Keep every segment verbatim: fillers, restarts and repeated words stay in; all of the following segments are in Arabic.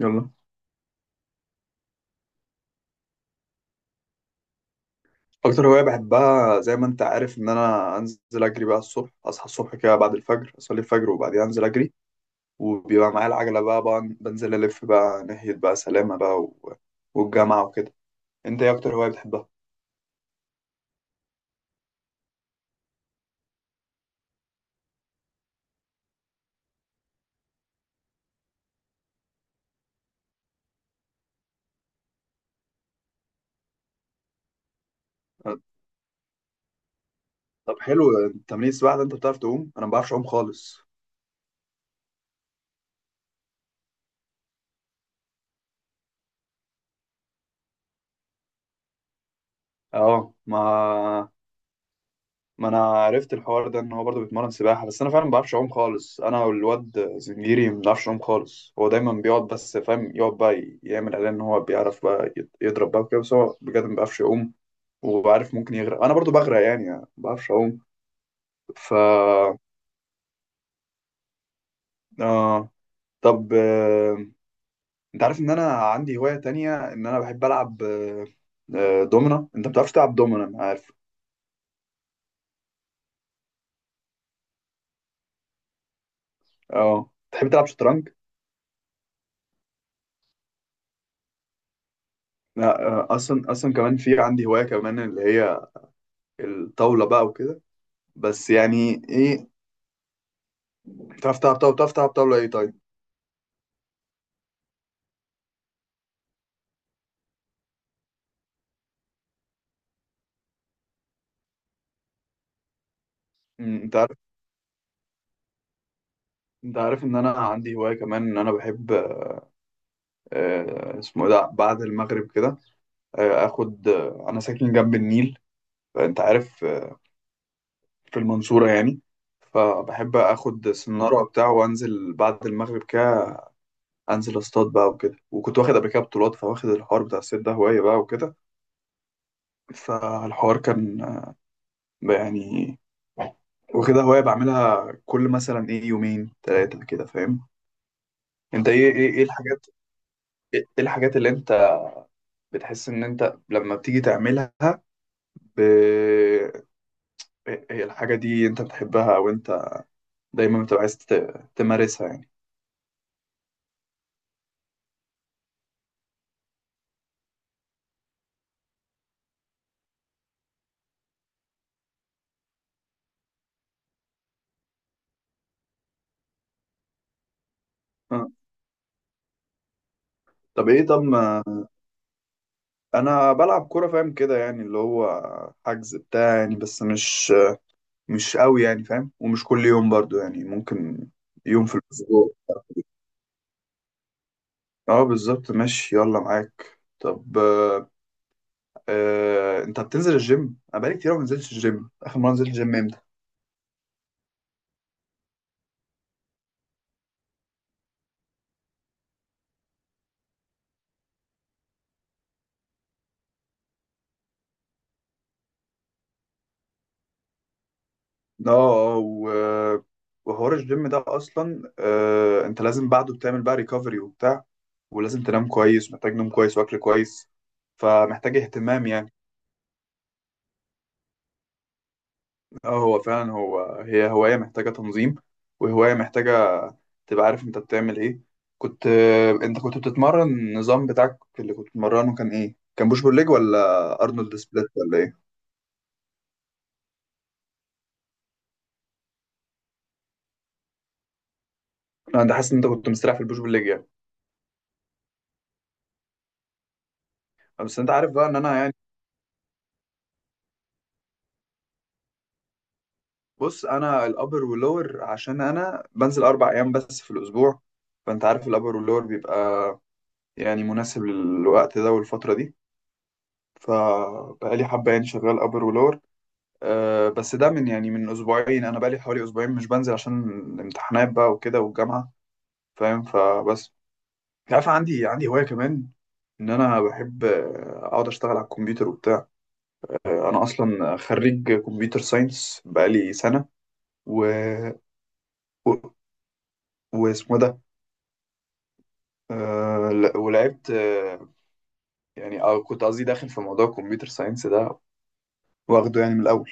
يلا. اكتر هوايه بحبها زي ما انت عارف ان انا انزل اجري بقى الصبح، اصحى الصبح كده بعد الفجر، اصلي الفجر وبعدين انزل اجري. وبيبقى معايا العجله بقى, بقى بنزل الف بقى ناحيه بقى سلامه بقى و... والجامعه وكده. انت ايه اكتر هوايه بتحبها؟ أه، طب حلو. تمرين السباحه ده، انت بتعرف تعوم؟ انا ما بعرفش اعوم خالص. اه، ما ما انا عرفت الحوار ده ان هو برضه بيتمرن سباحه، بس انا فعلا ما بعرفش اعوم خالص. انا والواد زنجيري ما بنعرفش نعوم خالص. هو دايما بيقعد بس فاهم يقعد بقى يعمل اعلان ان هو بيعرف بقى يت- يضرب بقى وكده، بس هو بجد ما بيعرفش يعوم. وعارف ممكن يغرق، انا برضه بغرق يعني، ما بعرفش اعوم. ف آه... طب، آه... انت عارف ان انا عندي هوايه تانية، ان انا بحب العب آه... آه، دومنا. انت ما بتعرفش تلعب دومنا، انا عارف. اه، تحب تلعب شطرنج؟ لا، آه، اصلا اصلا كمان في عندي هوايه كمان، اللي هي الطاولة بقى وكده. بس يعني ايه، بتعرف تلعب طاولة بتعرف تلعب طاولة ايه طيب؟ مم، انت عارف انت عارف ان انا عندي هواية كمان، ان انا بحب. آه اسمه إيه ده، بعد المغرب كده آه اخد، آه انا ساكن جنب النيل، فانت عارف، آه في المنصورة يعني. فبحب اخد سنارة وبتاع وانزل بعد المغرب كده، انزل اصطاد بقى وكده. وكنت واخد قبل كده بطولات، فواخد الحوار بتاع الصيد ده هواية بقى وكده. فالحوار كان آه، يعني، وكده هواية بعملها كل مثلا ايه يومين ثلاثة كده، فاهم. انت ايه ايه ايه الحاجات ايه إيه الحاجات اللي انت بتحس ان انت لما بتيجي تعملها ب... إيه- هي الحاجة دي انت بتحبها، او انت دايما بتبقى عايز ت- تمارسها يعني؟ آه. طب ايه، طب ما انا بلعب كورة فاهم كده، يعني اللي هو حجز بتاع يعني، بس مش مش قوي يعني فاهم، ومش كل يوم برضو يعني، ممكن يوم في الاسبوع. اه بالظبط ماشي، يلا معاك. طب آه، انت بتنزل الجيم؟ انا بقالي كتير أوي ما نزلتش الجيم. اخر مره نزلت الجيم امتى؟ اه، آه، و- وحوار الجيم ده اصلا، آه، انت لازم بعده بتعمل بقى ريكفري وبتاع، ولازم تنام كويس، محتاج نوم كويس واكل كويس، فمحتاج اهتمام يعني. اه، هو فعلا هو هي هوايه محتاجه تنظيم، وهوايه محتاجه تبقى عارف انت بتعمل ايه. كنت آه، انت كنت بتتمرن، النظام بتاعك اللي كنت بتمرنه كان ايه؟ كان بوش بول ليج، ولا ارنولد سبليت ولا ايه؟ انا حاسس ان انت كنت مستريح في البوش بول ليج يعني. بس انت عارف بقى ان انا يعني، بص انا الابر واللور، عشان انا بنزل اربع ايام بس في الاسبوع، فانت عارف الابر واللور بيبقى يعني مناسب للوقت ده والفتره دي، فبقالي حبه يعني شغال ابر ولور. أه بس ده من يعني من اسبوعين، انا بقالي حوالي اسبوعين مش بنزل عشان الامتحانات بقى وكده والجامعه فاهم، فبس. انت عارف، عندي عندي هوايه كمان، ان انا بحب آه، اقعد اشتغل على الكمبيوتر وبتاع. انا اصلا خريج كمبيوتر ساينس بقالي سنه، و واسمه ده آه لا- ولعبت، آه يعني أو كنت قصدي داخل في موضوع الكمبيوتر ساينس ده، واخده يعني من الأول.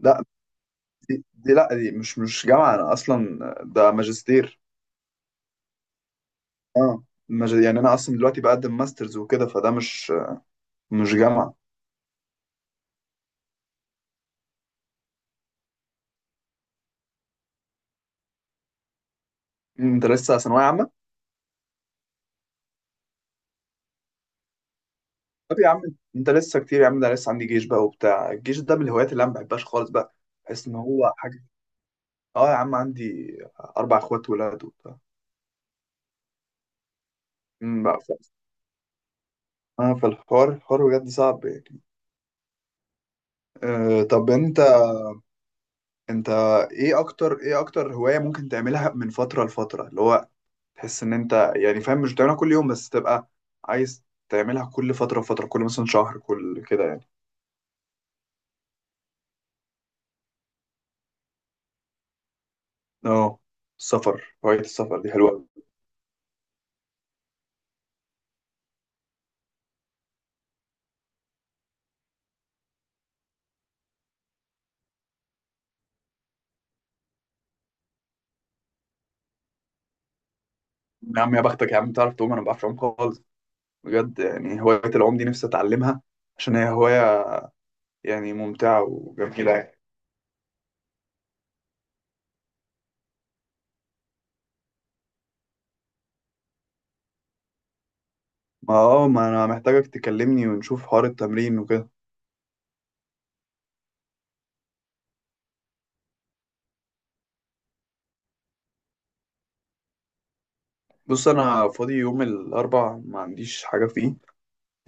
لا دي, دي لا دي مش مش جامعة. أنا أصلا ده ماجستير. اه، ماج- يعني أنا أصلا دلوقتي بقدم ماسترز وكده، فده مش مش جامعة. أنت لسه ثانوية عامة؟ طب يا عم، أنت لسه كتير يا عم، ده لسه عندي جيش بقى وبتاع، الجيش ده من الهوايات اللي أنا ما بحبهاش خالص بقى. بحس إن هو حاجة. اه يا عم، عندي أربع إخوات ولاد وبتاع. أمم، بقى ف- اه، فالحوار الحوار بجد صعب يعني. أه طب انت انت ايه اكتر ايه اكتر هواية ممكن تعملها من فترة لفترة، اللي هو تحس ان انت يعني فاهم مش بتعملها كل يوم، بس تبقى عايز تعملها كل فترة فترة، كل مثلا شهر كل كده يعني. اه، السفر، هواية السفر دي حلوة. يا عم يا بختك يا عم، تعرف تعوم، انا ما بعرفش اعوم خالص. بجد يعني هواية العوم دي نفسي اتعلمها، عشان هي هواية يعني ممتعة وجميلة يعني. ما اه ما انا محتاجك تكلمني ونشوف حوار التمرين وكده. بص انا فاضي يوم الاربع ما عنديش حاجة فيه،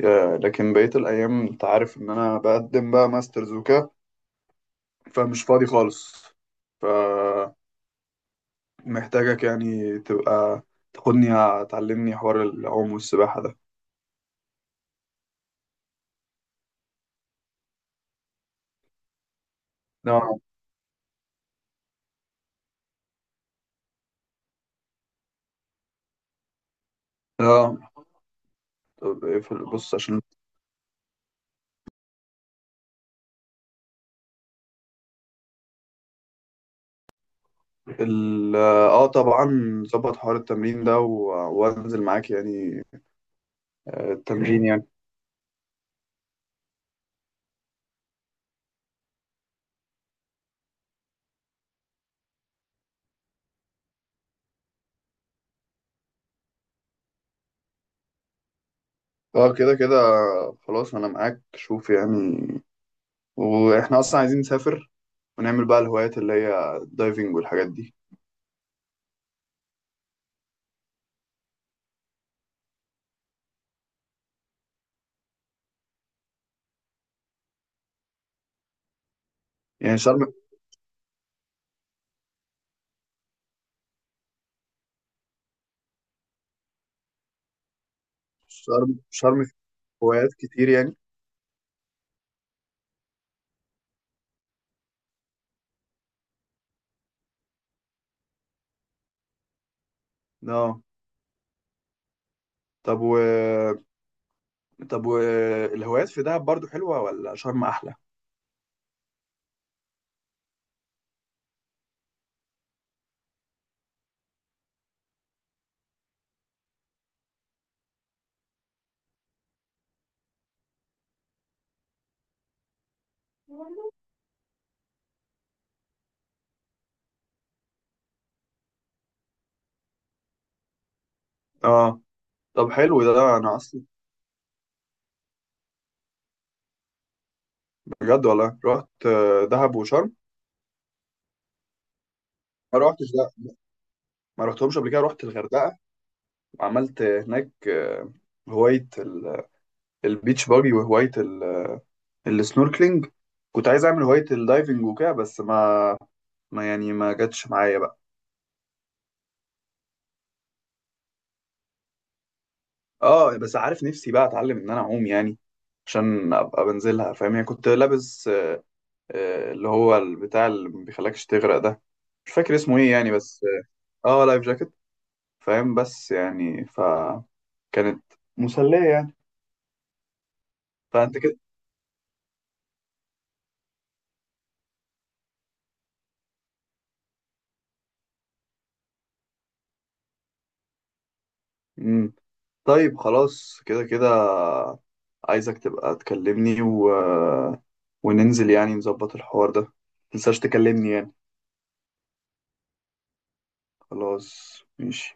يا- لكن بقية الأيام أنت عارف إن أنا بقدم بقى ماسترز وكده، فمش فاضي خالص. فمحتاجك يعني تبقى تاخدني، تعلمني حوار العوم والسباحة ده. اه اه. طب إيه، في- بص عشان، ال اه طبعا، ظبط حوار التمرين ده و- وانزل معاك يعني آه، التمرين يعني. اه كده كده، خلاص انا معاك، شوف يعني، واحنا اصلا عايزين نسافر ونعمل بقى الهوايات اللي هي الدايفنج والحاجات دي. يعني شرم، شرم شرم في هوايات كتير يعني. اه طب و طب و الهوايات في دهب برضو حلوة، ولا شرم أحلى؟ اه طب حلو، ده, ده أنا أصلا بجد والله رحت آه، دهب وشرم. ما روحتش ده ما رحتهمش قبل كده، رحت الغردقة وعملت هناك آه، هواية ال- البيتش باجي، وهواية ال- السنوركلينج. كنت عايز أعمل هواية الدايفنج وكده، بس ما ما يعني ما جاتش معايا بقى. اه بس عارف، نفسي بقى اتعلم ان انا اعوم يعني، عشان ابقى بنزلها فاهم يعني. كنت لابس آه، اللي هو البتاع اللي ما بيخليكش تغرق ده، مش فاكر اسمه ايه يعني، بس. اه، لايف جاكيت، فاهم، بس يعني فكانت مسلية يعني. فانت كده. مم. طيب خلاص كده كده، عايزك تبقى تكلمني و... وننزل يعني نظبط الحوار ده. متنساش تكلمني يعني. خلاص ماشي.